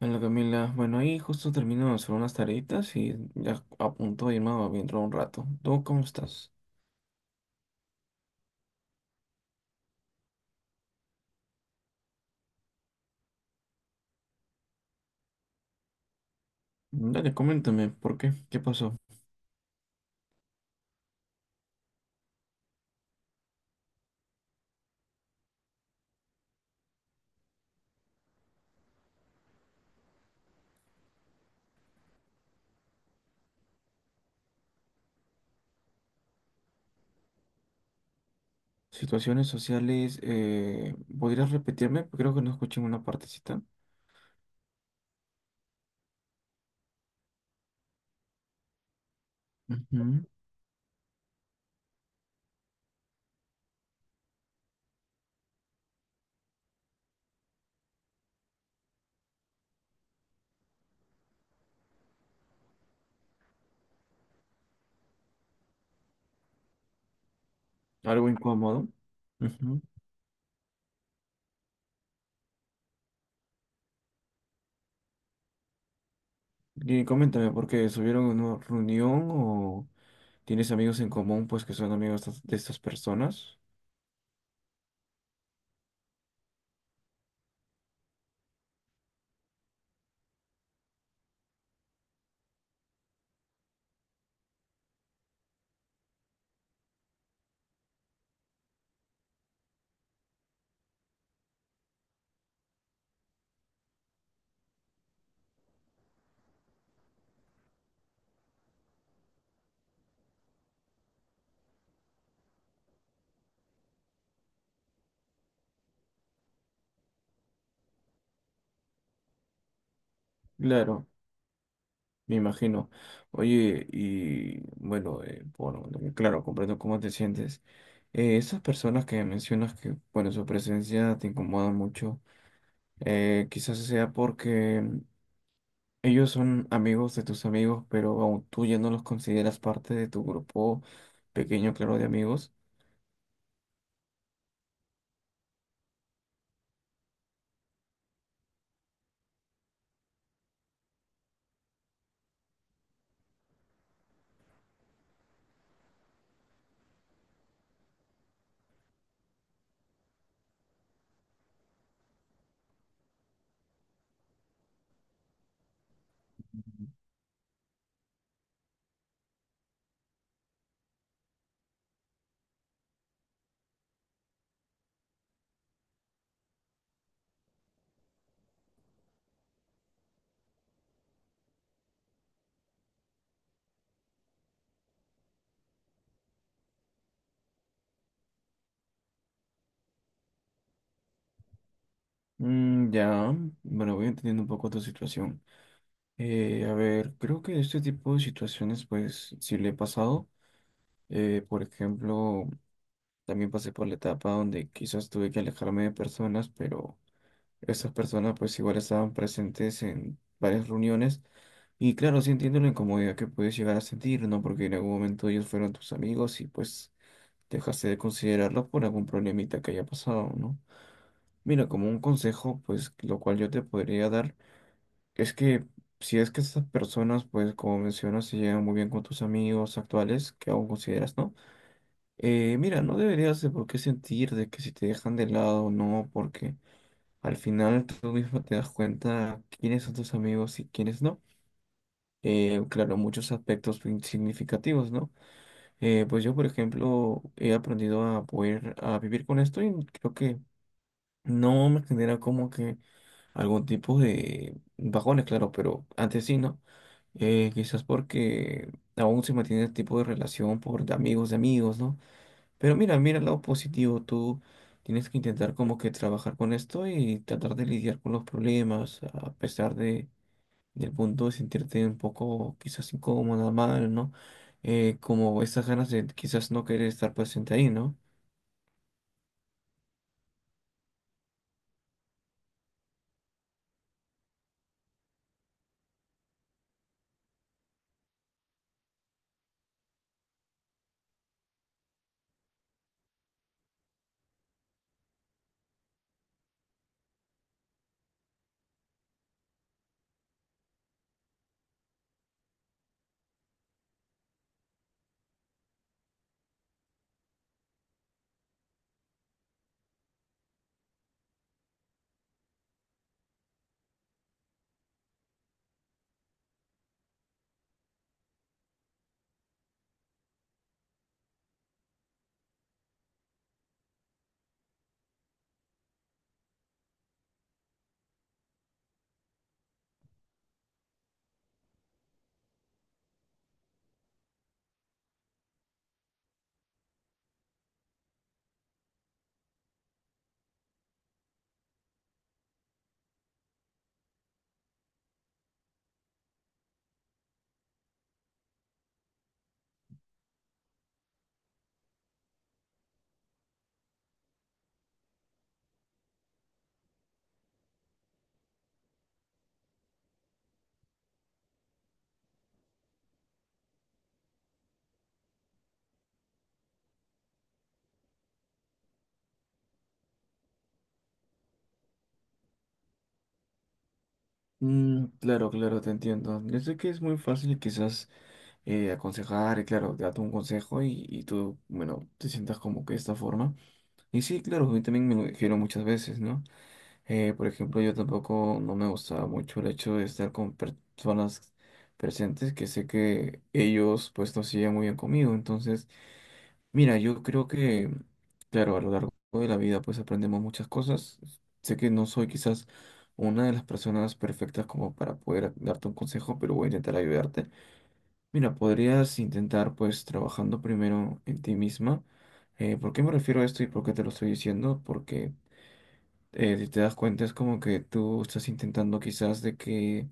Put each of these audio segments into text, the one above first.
Hola Camila, bueno ahí justo termino de hacer unas tareitas y ya a punto de irme a dentro de un rato. ¿Tú cómo estás? Dale, coméntame, ¿por qué? ¿Qué pasó? Situaciones sociales, ¿podrías repetirme? Creo que no escuché una partecita. Ujú. Algo incómodo. Ujú. Y coméntame, ¿por qué subieron a una reunión o tienes amigos en común pues que son amigos de estas personas? Claro. Me imagino. Oye, y bueno, bueno, claro, comprendo cómo te sientes. Esas personas que mencionas que, bueno, su presencia te incomoda mucho, quizás sea porque ellos son amigos de tus amigos, pero aún tú ya no los consideras parte de tu grupo pequeño, claro, de amigos. Ya, bueno, voy entendiendo un poco tu situación. A ver, creo que este tipo de situaciones, pues, sí le he pasado. Por ejemplo, también pasé por la etapa donde quizás tuve que alejarme de personas, pero esas personas pues igual estaban presentes en varias reuniones. Y claro, sí entiendo la incomodidad que puedes llegar a sentir, ¿no? Porque en algún momento ellos fueron tus amigos y pues dejaste de considerarlos por algún problemita que haya pasado, ¿no? Mira, como un consejo, pues lo cual yo te podría dar es que si es que esas personas, pues como mencionas, se llevan muy bien con tus amigos actuales, que aún consideras, ¿no? Mira, no deberías de por qué sentir de que si te dejan de lado o no, porque al final tú mismo te das cuenta quiénes son tus amigos y quiénes no. Claro, muchos aspectos significativos, ¿no? Pues yo, por ejemplo, he aprendido a poder a vivir con esto y creo que no me genera como que algún tipo de bajones, claro, pero antes sí, ¿no? Quizás porque aún se mantiene el tipo de relación por de amigos, ¿no? Pero mira, mira el lado positivo, tú tienes que intentar como que trabajar con esto y tratar de lidiar con los problemas, a pesar de, del punto de sentirte un poco quizás incómoda, mal, ¿no? Como esas ganas de quizás no querer estar presente ahí, ¿no? Claro, claro, te entiendo. Yo sé que es muy fácil quizás aconsejar, y claro, darte un consejo y tú, bueno, te sientas como que de esta forma. Y sí, claro, a mí también me lo dijeron muchas veces, ¿no? Por ejemplo, yo tampoco no me gustaba mucho el hecho de estar con personas presentes que sé que ellos pues no se llevan muy bien conmigo. Entonces, mira, yo creo que, claro, a lo largo de la vida pues aprendemos muchas cosas. Sé que no soy quizás una de las personas perfectas como para poder darte un consejo, pero voy a intentar ayudarte. Mira, podrías intentar pues trabajando primero en ti misma. ¿Por qué me refiero a esto y por qué te lo estoy diciendo? Porque si te das cuenta, es como que tú estás intentando quizás de que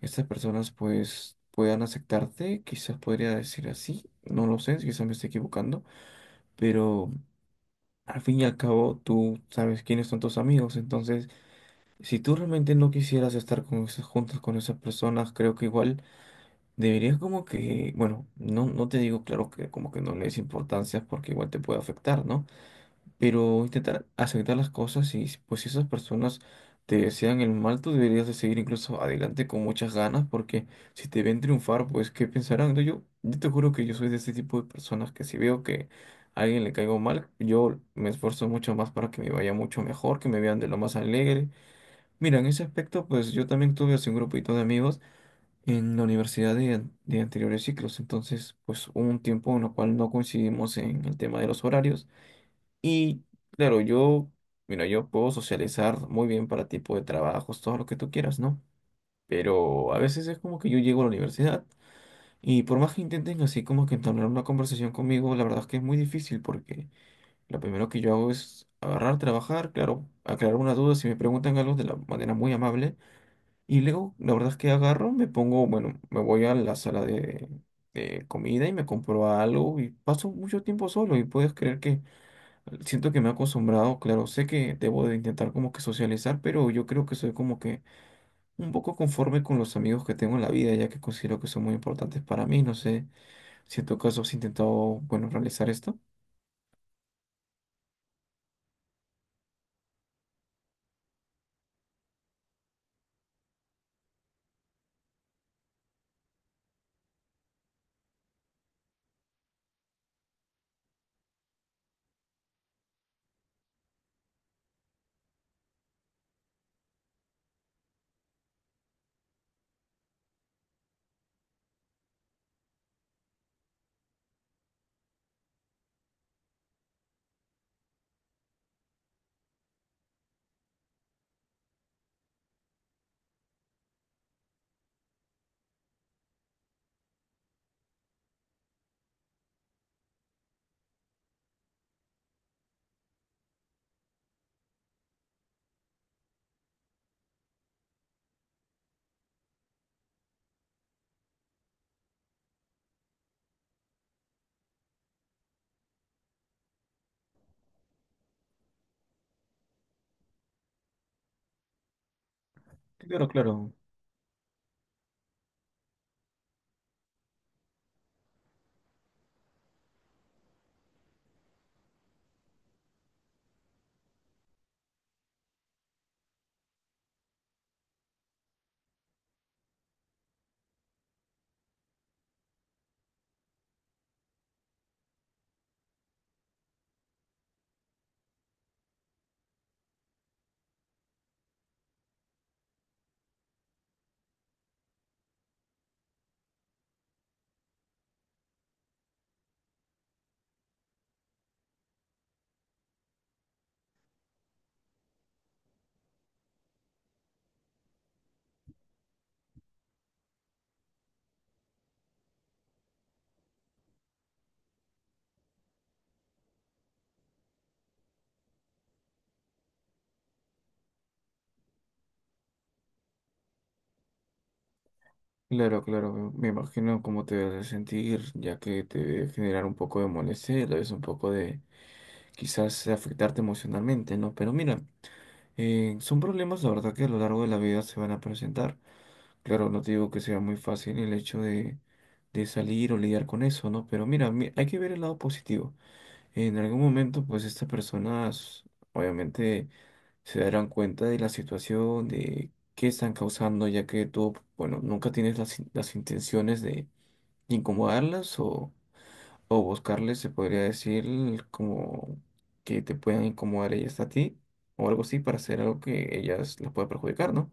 estas personas pues puedan aceptarte, quizás podría decir así, no lo sé, quizás me estoy equivocando, pero al fin y al cabo tú sabes quiénes son tus amigos, entonces si tú realmente no quisieras estar con esas juntas con esas personas, creo que igual deberías como que, bueno, no, no te digo claro que como que no le des importancia porque igual te puede afectar, ¿no? Pero intentar aceptar las cosas y pues si esas personas te desean el mal, tú deberías de seguir incluso adelante con muchas ganas porque si te ven triunfar, pues ¿qué pensarán? No, yo te juro que yo soy de este tipo de personas que si veo que a alguien le caigo mal, yo me esfuerzo mucho más para que me vaya mucho mejor, que me vean de lo más alegre. Mira, en ese aspecto, pues yo también tuve así un grupito de amigos en la universidad de anteriores ciclos, entonces pues hubo un tiempo en el cual no coincidimos en el tema de los horarios. Y claro, yo, mira, yo puedo socializar muy bien para tipo de trabajos, todo lo que tú quieras, ¿no? Pero a veces es como que yo llego a la universidad y por más que intenten así como que entablar una conversación conmigo, la verdad es que es muy difícil porque lo primero que yo hago es agarrar, trabajar, claro, aclarar una duda si me preguntan algo de la manera muy amable y luego la verdad es que agarro, me pongo, bueno, me voy a la sala de comida y me compro algo y paso mucho tiempo solo y puedes creer que. Siento que me he acostumbrado, claro, sé que debo de intentar como que socializar, pero yo creo que soy como que un poco conforme con los amigos que tengo en la vida, ya que considero que son muy importantes para mí, no sé si en tu caso has intentado, bueno, realizar esto. Claro, claro, claro, claro, me imagino cómo te debes de sentir, ya que te debe generar un poco de molestia, y a la vez un poco de quizás afectarte emocionalmente, ¿no? Pero mira. Son problemas, la verdad, que a lo largo de la vida se van a presentar. Claro, no te digo que sea muy fácil el hecho de salir o lidiar con eso, ¿no? Pero mira, hay que ver el lado positivo. En algún momento, pues estas personas obviamente se darán cuenta de la situación, de qué están causando, ya que tú, bueno, nunca tienes las intenciones de incomodarlas o buscarle, se podría decir como que te puedan incomodar ellas a ti o algo así para hacer algo que ellas las pueda perjudicar, ¿no?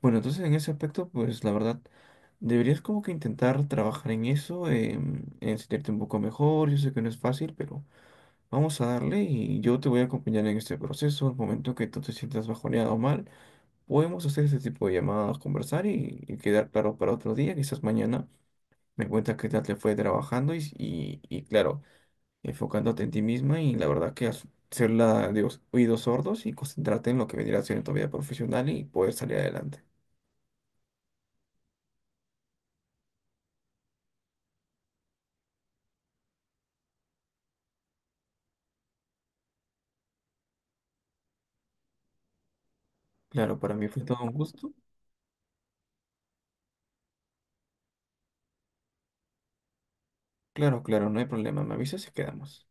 Bueno, entonces en ese aspecto, pues la verdad, deberías como que intentar trabajar en eso, en sentirte un poco mejor. Yo sé que no es fácil, pero vamos a darle y yo te voy a acompañar en este proceso. Al momento que tú te sientas bajoneado o mal, podemos hacer ese tipo de llamadas, conversar y quedar claro para otro día, quizás mañana. Me cuentas qué tal te fue trabajando y claro enfocándote en ti misma y la verdad que ser la de los oídos sordos y concentrarte en lo que vendría a ser en tu vida profesional y poder salir adelante. Claro, para mí fue todo un gusto. Claro, claro, no hay problema. Me avisas y quedamos.